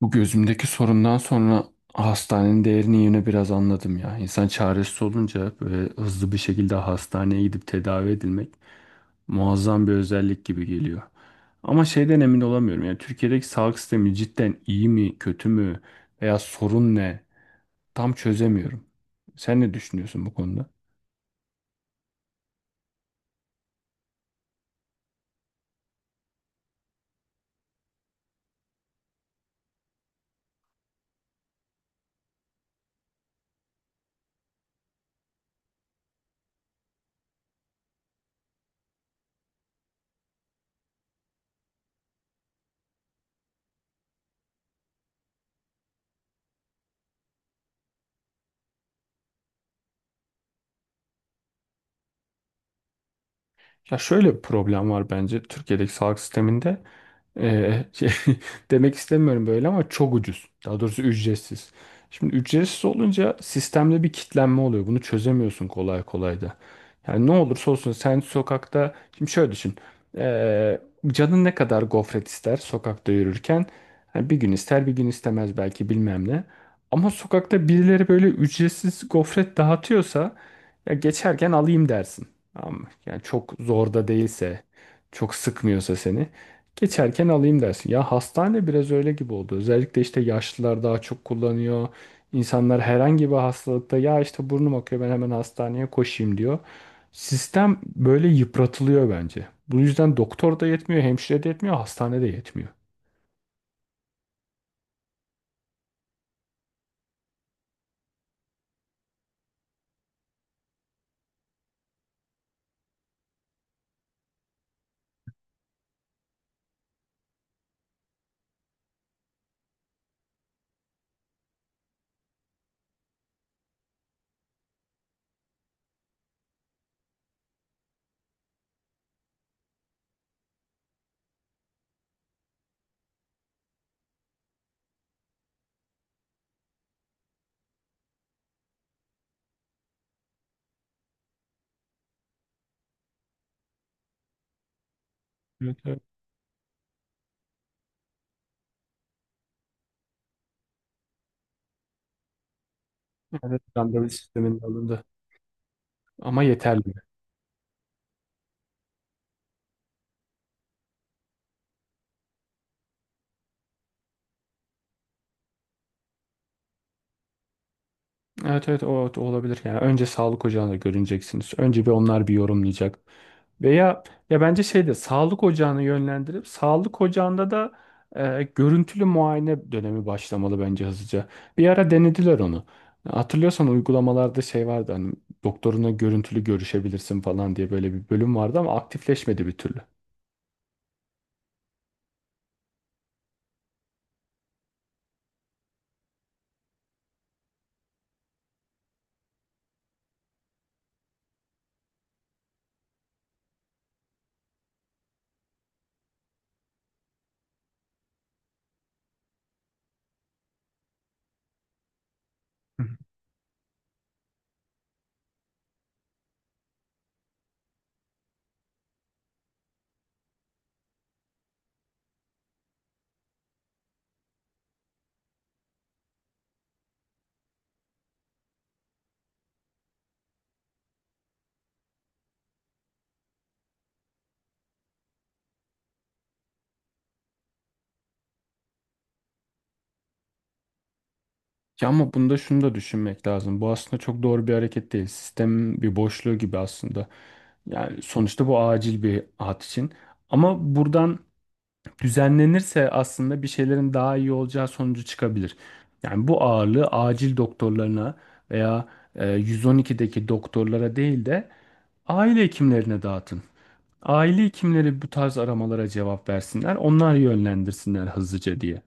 Bu gözümdeki sorundan sonra hastanenin değerini yine biraz anladım ya. İnsan çaresiz olunca böyle hızlı bir şekilde hastaneye gidip tedavi edilmek muazzam bir özellik gibi geliyor. Ama şeyden emin olamıyorum. Yani Türkiye'deki sağlık sistemi cidden iyi mi, kötü mü veya sorun ne? Tam çözemiyorum. Sen ne düşünüyorsun bu konuda? Ya şöyle bir problem var bence Türkiye'deki sağlık sisteminde. Ee, şey, Demek istemiyorum böyle ama çok ucuz. Daha doğrusu ücretsiz. Şimdi ücretsiz olunca sistemde bir kitlenme oluyor. Bunu çözemiyorsun kolay kolay da. Yani ne olursa olsun sen sokakta. Şimdi şöyle düşün. Ee, Canın ne kadar gofret ister sokakta yürürken? Yani bir gün ister bir gün istemez belki bilmem ne. Ama sokakta birileri böyle ücretsiz gofret dağıtıyorsa ya geçerken alayım dersin. Ama yani çok zor da değilse, çok sıkmıyorsa seni geçerken alayım dersin. Ya hastane biraz öyle gibi oldu. Özellikle işte yaşlılar daha çok kullanıyor. İnsanlar herhangi bir hastalıkta ya işte burnum akıyor ben hemen hastaneye koşayım diyor. Sistem böyle yıpratılıyor bence. Bu yüzden doktor da yetmiyor, hemşire de yetmiyor, hastane de yetmiyor. Evet, evet. Evet, randevu sisteminin alındı. Ama yeterli mi? Evet evet, o olabilir. Yani önce sağlık ocağına görüneceksiniz. Önce bir onlar bir yorumlayacak. Veya ya bence şeyde sağlık ocağını yönlendirip sağlık ocağında da görüntülü muayene dönemi başlamalı bence hızlıca. Bir ara denediler onu. Hatırlıyorsan uygulamalarda şey vardı hani doktoruna görüntülü görüşebilirsin falan diye böyle bir bölüm vardı ama aktifleşmedi bir türlü. Hı hı. Ya ama bunda şunu da düşünmek lazım. Bu aslında çok doğru bir hareket değil. Sistemin bir boşluğu gibi aslında. Yani sonuçta bu acil bir hat için. Ama buradan düzenlenirse aslında bir şeylerin daha iyi olacağı sonucu çıkabilir. Yani bu ağırlığı acil doktorlarına veya 112'deki doktorlara değil de aile hekimlerine dağıtın. Aile hekimleri bu tarz aramalara cevap versinler, onlar yönlendirsinler hızlıca diye.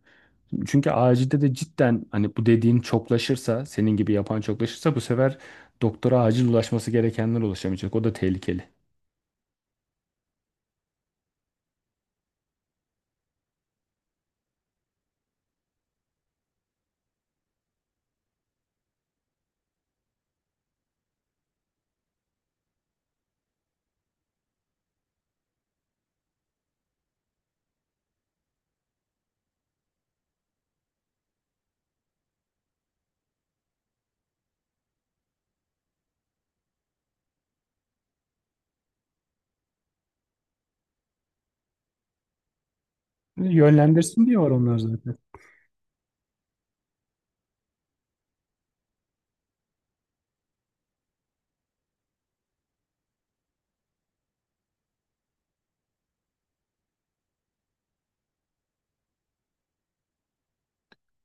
Çünkü acilde de cidden hani bu dediğin çoklaşırsa, senin gibi yapan çoklaşırsa bu sefer doktora acil ulaşması gerekenler ulaşamayacak. O da tehlikeli. Yönlendirsin diyor onlar zaten.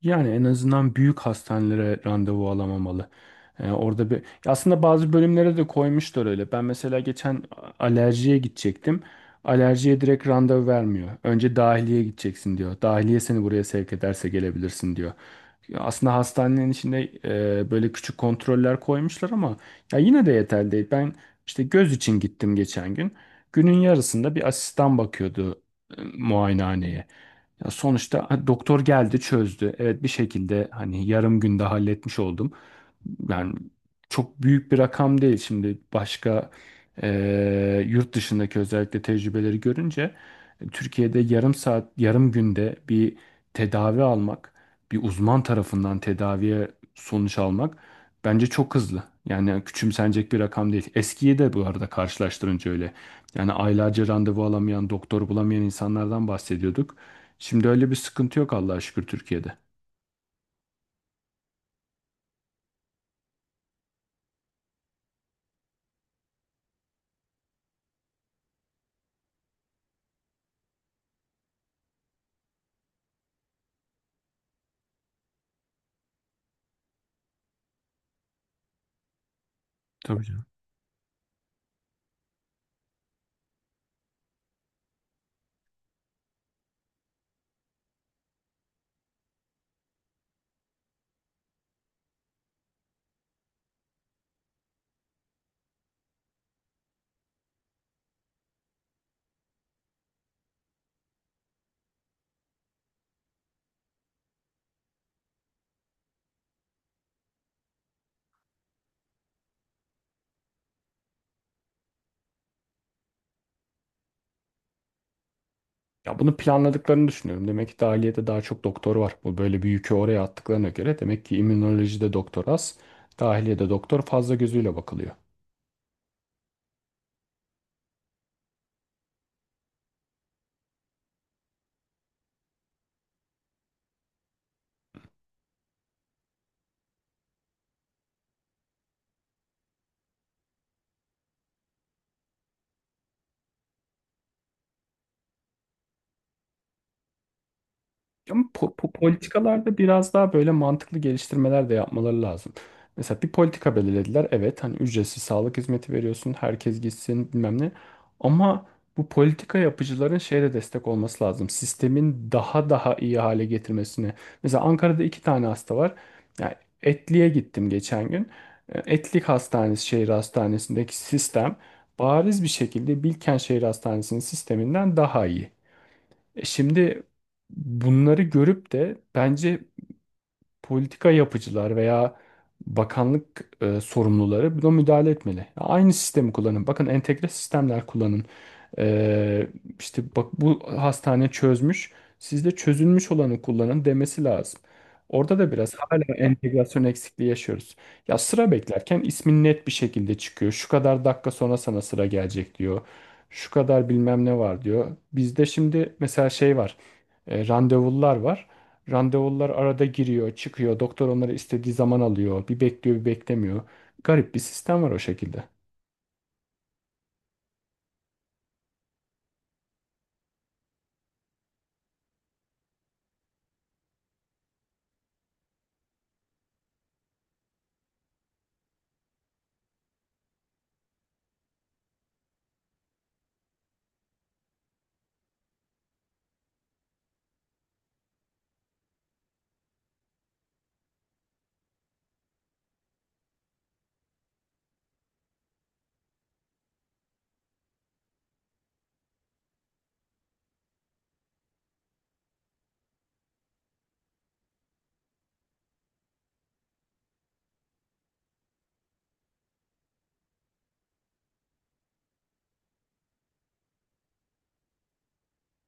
Yani en azından büyük hastanelere randevu alamamalı. Orada bir Ya aslında bazı bölümlere de koymuşlar öyle. Ben mesela geçen alerjiye gidecektim. Alerjiye direkt randevu vermiyor. Önce dahiliye gideceksin diyor. Dahiliye seni buraya sevk ederse gelebilirsin diyor. Ya aslında hastanenin içinde böyle küçük kontroller koymuşlar ama ya yine de yeterli değil. Ben işte göz için gittim geçen gün. Günün yarısında bir asistan bakıyordu muayenehaneye. Ya sonuçta ha, doktor geldi çözdü. Evet bir şekilde hani yarım günde halletmiş oldum. Yani çok büyük bir rakam değil şimdi başka yurt dışındaki özellikle tecrübeleri görünce Türkiye'de yarım saat yarım günde bir tedavi almak bir uzman tarafından tedaviye sonuç almak bence çok hızlı. Yani küçümsenecek bir rakam değil. Eskiyi de bu arada karşılaştırınca öyle. Yani aylarca randevu alamayan, doktor bulamayan insanlardan bahsediyorduk. Şimdi öyle bir sıkıntı yok Allah'a şükür Türkiye'de. Tabii canım. Ya bunu planladıklarını düşünüyorum. Demek ki dahiliyede daha çok doktor var. Bu böyle bir yükü oraya attıklarına göre demek ki immünolojide doktor az, dahiliyede doktor fazla gözüyle bakılıyor. Ama politikalarda biraz daha böyle mantıklı geliştirmeler de yapmaları lazım. Mesela bir politika belirlediler. Evet hani ücretsiz sağlık hizmeti veriyorsun. Herkes gitsin bilmem ne. Ama bu politika yapıcıların şeyde destek olması lazım. Sistemin daha iyi hale getirmesine. Mesela Ankara'da iki tane hasta var. Yani Etli'ye gittim geçen gün. Etlik Hastanesi şehir hastanesindeki sistem bariz bir şekilde Bilkent Şehir Hastanesi'nin sisteminden daha iyi. Şimdi bunları görüp de bence politika yapıcılar veya bakanlık sorumluları buna müdahale etmeli. Aynı sistemi kullanın. Bakın entegre sistemler kullanın. E, işte bak bu hastane çözmüş. Siz de çözülmüş olanı kullanın demesi lazım. Orada da biraz hala entegrasyon eksikliği yaşıyoruz. Ya sıra beklerken ismin net bir şekilde çıkıyor. Şu kadar dakika sonra sana sıra gelecek diyor. Şu kadar bilmem ne var diyor. Bizde şimdi mesela şey var. Randevular var. Randevular arada giriyor, çıkıyor. Doktor onları istediği zaman alıyor. Bir bekliyor, bir beklemiyor. Garip bir sistem var o şekilde.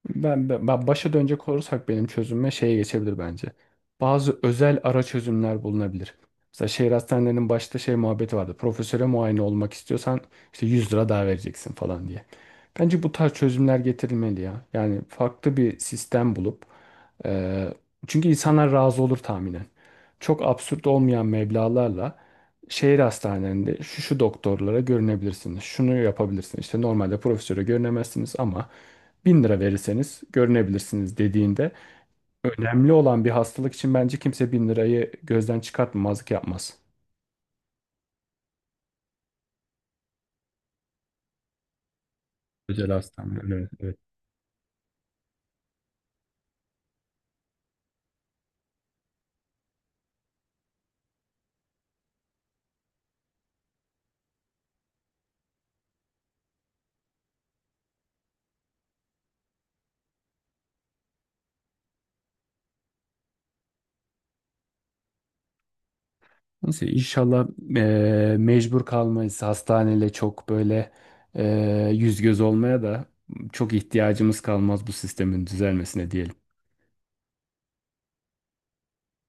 Ben başa dönecek olursak benim çözümüme şeye geçebilir bence. Bazı özel ara çözümler bulunabilir. Mesela şehir hastanelerinin başta şey muhabbeti vardı. Profesöre muayene olmak istiyorsan işte 100 lira daha vereceksin falan diye. Bence bu tarz çözümler getirilmeli ya. Yani farklı bir sistem bulup eee, çünkü insanlar razı olur tahminen. Çok absürt olmayan meblağlarla şehir hastanelerinde şu şu doktorlara görünebilirsiniz. Şunu yapabilirsiniz. İşte normalde profesöre görünemezsiniz ama 1.000 lira verirseniz görünebilirsiniz dediğinde önemli olan bir hastalık için bence kimse 1.000 lirayı gözden çıkartmazlık yapmaz. Özel hastaneler, evet. Evet. Neyse inşallah mecbur kalmayız hastaneyle çok böyle yüz göz olmaya da çok ihtiyacımız kalmaz bu sistemin düzelmesine diyelim.